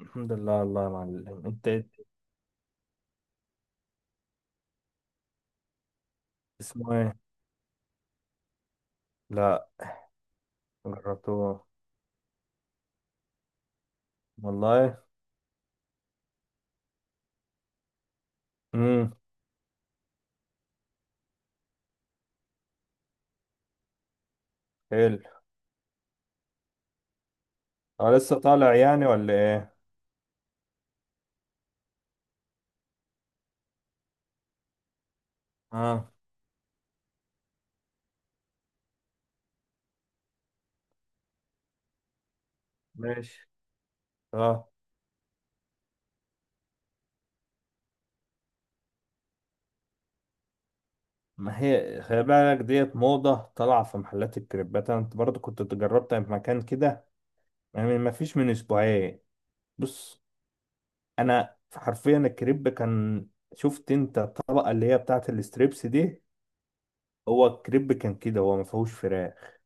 الحمد لله، والله يا معلم انت. اسمه ايه؟ لا. جربته. والله. امم حلو. هو لسه طالع يعني ولا ايه؟ اه. ماشي. اه. ما هي خلي بالك، ديت موضة طالعة في محلات الكريبات، انا برضه كنت جربتها في مكان كده يعني، ما فيش من اسبوعين. بص، انا حرفيا الكريب كان، شفت انت الطبقة اللي هي بتاعت الستريبس دي؟ هو الكريب كان كده، هو ما فيهوش فراخ.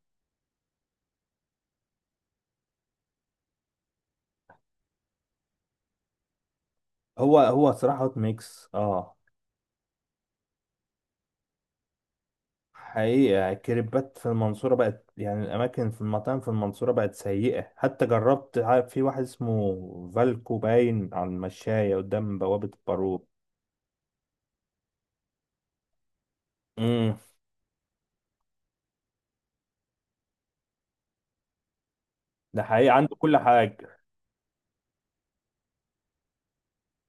هو صراحة هوت ميكس، اه. حقيقة الكريبات في المنصورة بقت يعني، الأماكن في المطاعم في المنصورة بقت سيئة، حتى جربت، عارف، في واحد اسمه فالكو، باين على المشاية قدام بوابة البارون. امم ده حقيقي، عنده كل حاجة.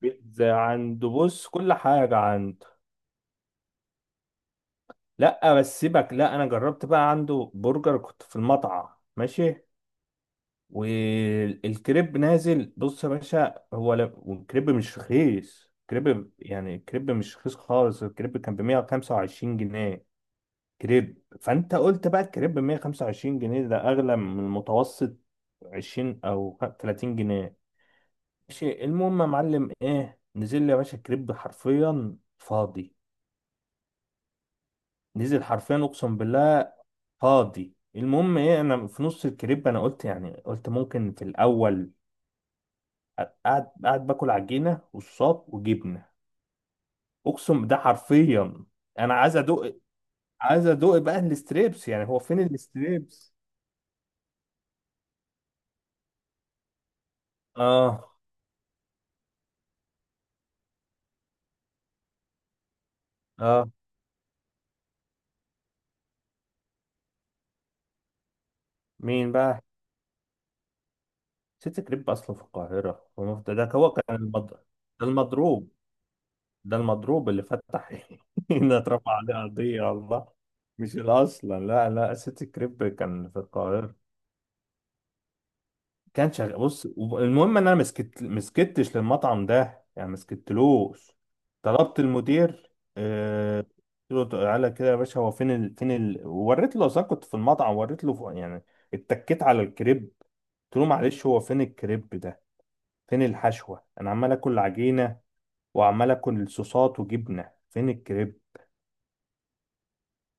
بيتزا عنده، بص كل حاجة عنده. لأ بس سيبك، لأ أنا جربت بقى عنده برجر، كنت في المطعم. ماشي. والكريب نازل، بص يا باشا، هو لا، والكريب مش رخيص، كريب يعني الكريب مش رخيص خالص، الكريب كان ب 125 جنيه، كريب. فانت قلت بقى الكريب ب 125 جنيه، ده اغلى من المتوسط 20 او 30 جنيه. ماشي، المهم يا معلم، ايه نزل لي يا باشا، الكريب حرفيا فاضي، نزل حرفيا، اقسم بالله فاضي. المهم ايه، انا في نص الكريب انا قلت يعني، قلت ممكن في الاول، قاعد باكل عجينه والصاب وجبنه، اقسم ده حرفيا. انا عايز ادوق، عايز ادوق بقى الستريبس، يعني هو فين الستريبس؟ اه. اه. مين بقى؟ سيتي كريب أصله في القاهرة، ده هو كان ده المضروب، ده المضروب اللي فتح هنا، اترفع عليه قضية على الله، مش الأصل، لا، سيتي كريب كان في القاهرة. كان شغال، بص المهم إن أنا مسكتش للمطعم ده، يعني مسكتلوش، طلبت المدير. آه. قلت له تعالى كده يا باشا، هو فين فين وريت له، أصلا كنت في المطعم، وريت له يعني، اتكيت على الكريب. قلت له معلش، هو فين الكريب ده؟ فين الحشوة؟ انا عمال اكل عجينة، وعمال اكل صوصات وجبنة، فين الكريب؟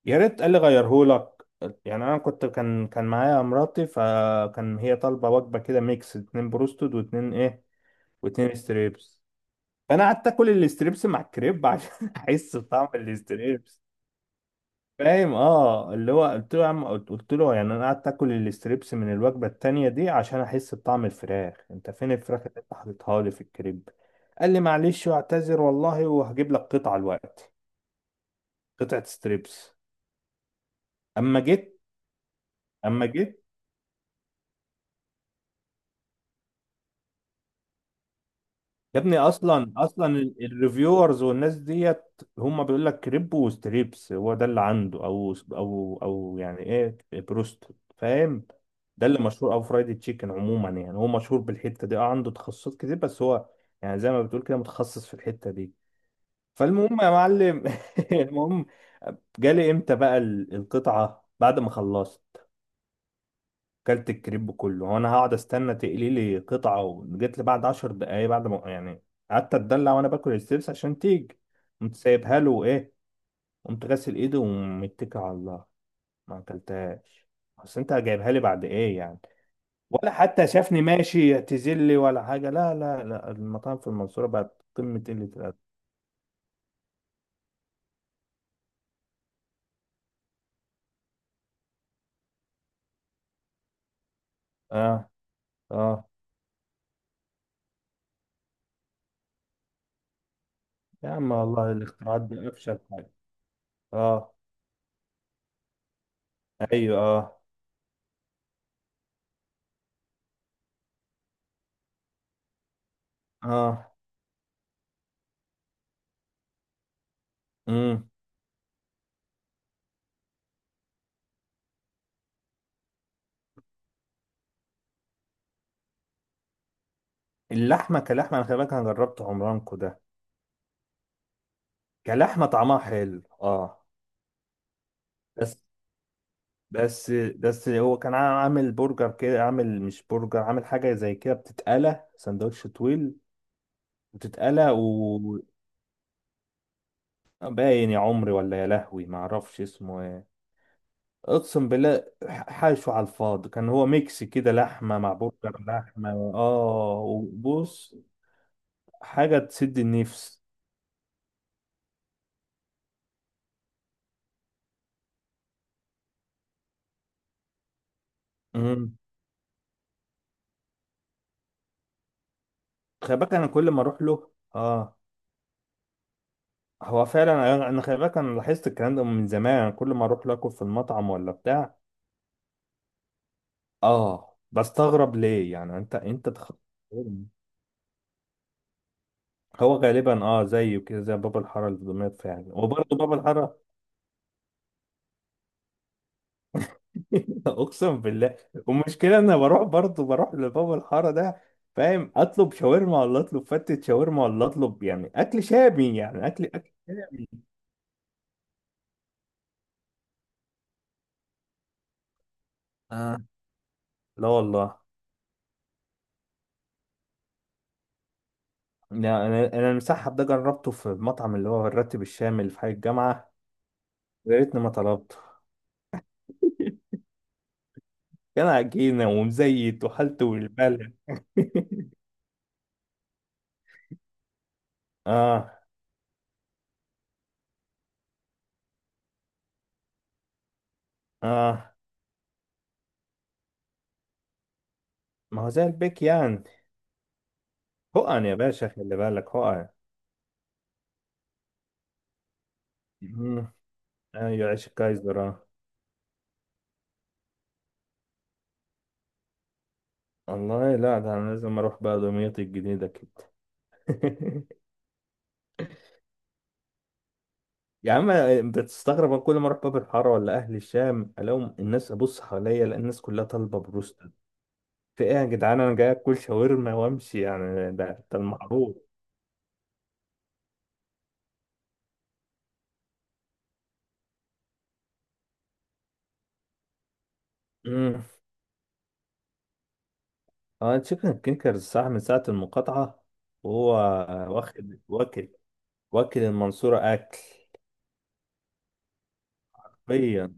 يا ريت قال لي غيرهولك، يعني انا كنت، كان معايا مراتي، فكان هي طالبة وجبة كده ميكس، اتنين بروستد، واتنين ايه، واتنين ستريبس. فانا قعدت اكل الستريبس مع الكريب عشان احس بطعم الستريبس. فاهم، اه اللي هو قلت له يا عم، قلت له يعني انا قعدت اكل الستريبس من الوجبه التانيه دي عشان احس بطعم الفراخ، انت فين الفراخ اللي انت حاططها لي في الكريب؟ قال لي معلش، واعتذر والله، وهجيب لك قطعه الوقت، قطعه ستريبس. اما جيت، اما جيت يا ابني، اصلا الريفيورز والناس ديت هم بيقول لك كريب وستريبس، هو ده اللي عنده، او يعني ايه، بروست. فاهم، ده اللي مشهور، او فرايدي تشيكن، عموما يعني هو مشهور بالحته دي، اه، عنده تخصصات كتير، بس هو يعني زي ما بتقول كده متخصص في الحته دي. فالمهم يا معلم، المهم، جالي امتى بقى القطعه؟ بعد ما خلصت، كلت الكريب كله وانا هقعد استنى تقلي لي قطعه، وجيت لي بعد 10 دقايق، بعد ما يعني قعدت اتدلع وانا باكل الستريبس عشان تيجي. قمت سايبها له، وايه، قمت غاسل ايدي ومتكل على الله، ما اكلتهاش. بس انت جايبها لي بعد ايه يعني؟ ولا حتى شافني ماشي يعتذر لي ولا حاجه، لا، المطاعم في المنصوره بقت قمه قله الادب. اه. اه. يا عم والله الاختراعات دي افشل حاجه. اه. ايوه اه. اه. امم اللحمه كلحمه، انا خلي بالك انا جربت عمرانكو ده، كلحمة طعمها حلو، اه. بس. بس هو كان عامل برجر كده، عامل مش برجر، عامل حاجة زي كده بتتقلى، سندوتش طويل بتتقلى. وباين يا عمري ولا يا لهوي ما اعرفش اسمه ايه. اقسم بالله، حاشو على الفاضي، كان هو ميكس كده، لحمة مع برجر لحمة. اه وبص، حاجة تسد النفس. امم خلي بالك انا كل ما اروح له، اه. هو فعلا انا، أنا خلي بالك انا لاحظت الكلام ده من زمان، كل ما اروح لاكل في المطعم ولا بتاع، اه، بستغرب ليه، يعني انت هو غالبا اه زيه كده، زي بابا الحاره اللي في دمياط فعلا، وبرضه بابا الحاره. اقسم بالله. والمشكله انا بروح، برضه بروح لبابا الحاره ده، فاهم، اطلب شاورما، ولا اطلب فتة شاورما، ولا اطلب يعني اكل شامي، يعني اكل شامي. آه. لا والله. لا، انا، انا المسحب ده جربته في المطعم اللي هو الراتب الشامي اللي في حي الجامعه، يا ريتني ما طلبته، كان عجينة ومزيت وحالته والبلع. اه. اه ما هو زي البيك يعني. حقن يا باشا، خلي بالك حقن. مم. ايوه، عيش الكايزر اه. والله لا، ده انا لازم اروح بقى دمياط الجديدة كده. يا عم بتستغرب، أنا كل ما اروح باب الحاره ولا اهل الشام الاقيهم، الناس ابص حواليا الاقي الناس كلها طالبه بروستد. في ايه يا جدعان، انا جاي اكل شاورما وامشي يعني، ده المعروف. مم. اه تشيكن كينكرز، صح، من ساعة المقاطعة وهو واخد، واكل، واكل المنصورة أكل. حرفيا.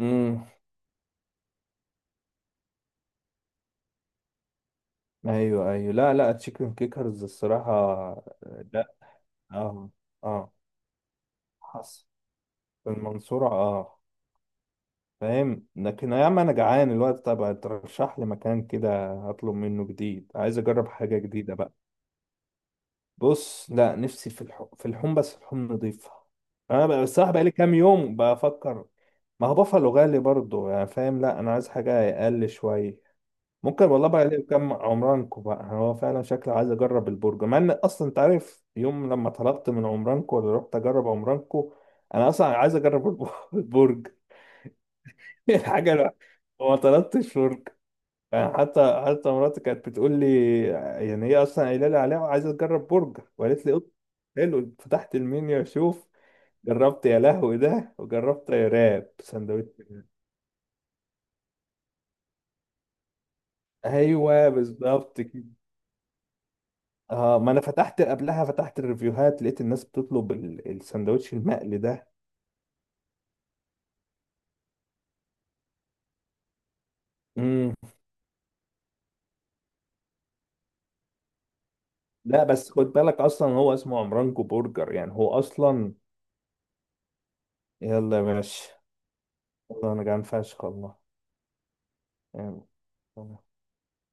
امم ايوه، لا تشيكن كيكرز الصراحة. لا. اه. اه. حصل. في المنصورة اه. فاهم، لكن يا عم انا جعان الوقت، طب ترشح لي مكان كده هطلب منه جديد، عايز اجرب حاجة جديدة بقى. بص، لا، نفسي في الحوم، في الحوم بس الحوم نضيفة. انا بصراحة بقالي كام يوم بفكر. ما هو بافالو غالي برضه يعني فاهم، لا انا عايز حاجه اقل شويه. ممكن والله بقى ليه، كم عمرانكو بقى، يعني هو فعلا شكله عايز اجرب البرجر، مع ان اصلا انت عارف يوم لما طلبت من عمرانكو، ولا رحت اجرب عمرانكو، انا اصلا عايز اجرب البرج الحاجه، لا، وما طلبتش برج، يعني حتى، مراتي كانت بتقول لي، يعني هي اصلا قايله لي عليها وعايزه تجرب برجر، وقالت لي: "أوب، حلو"، فتحت المنيو اشوف، جربت يا لهوي ده، وجربت يا راب سندوتش. ايوه بالظبط كده. اه، ما انا فتحت قبلها، فتحت الريفيوهات، لقيت الناس بتطلب السندوتش المقلي ده. امم لا بس خد بالك، اصلا هو اسمه عمرانكو برجر، يعني هو اصلا. يلا يا باشا، والله انا جعان فشخ والله، يعني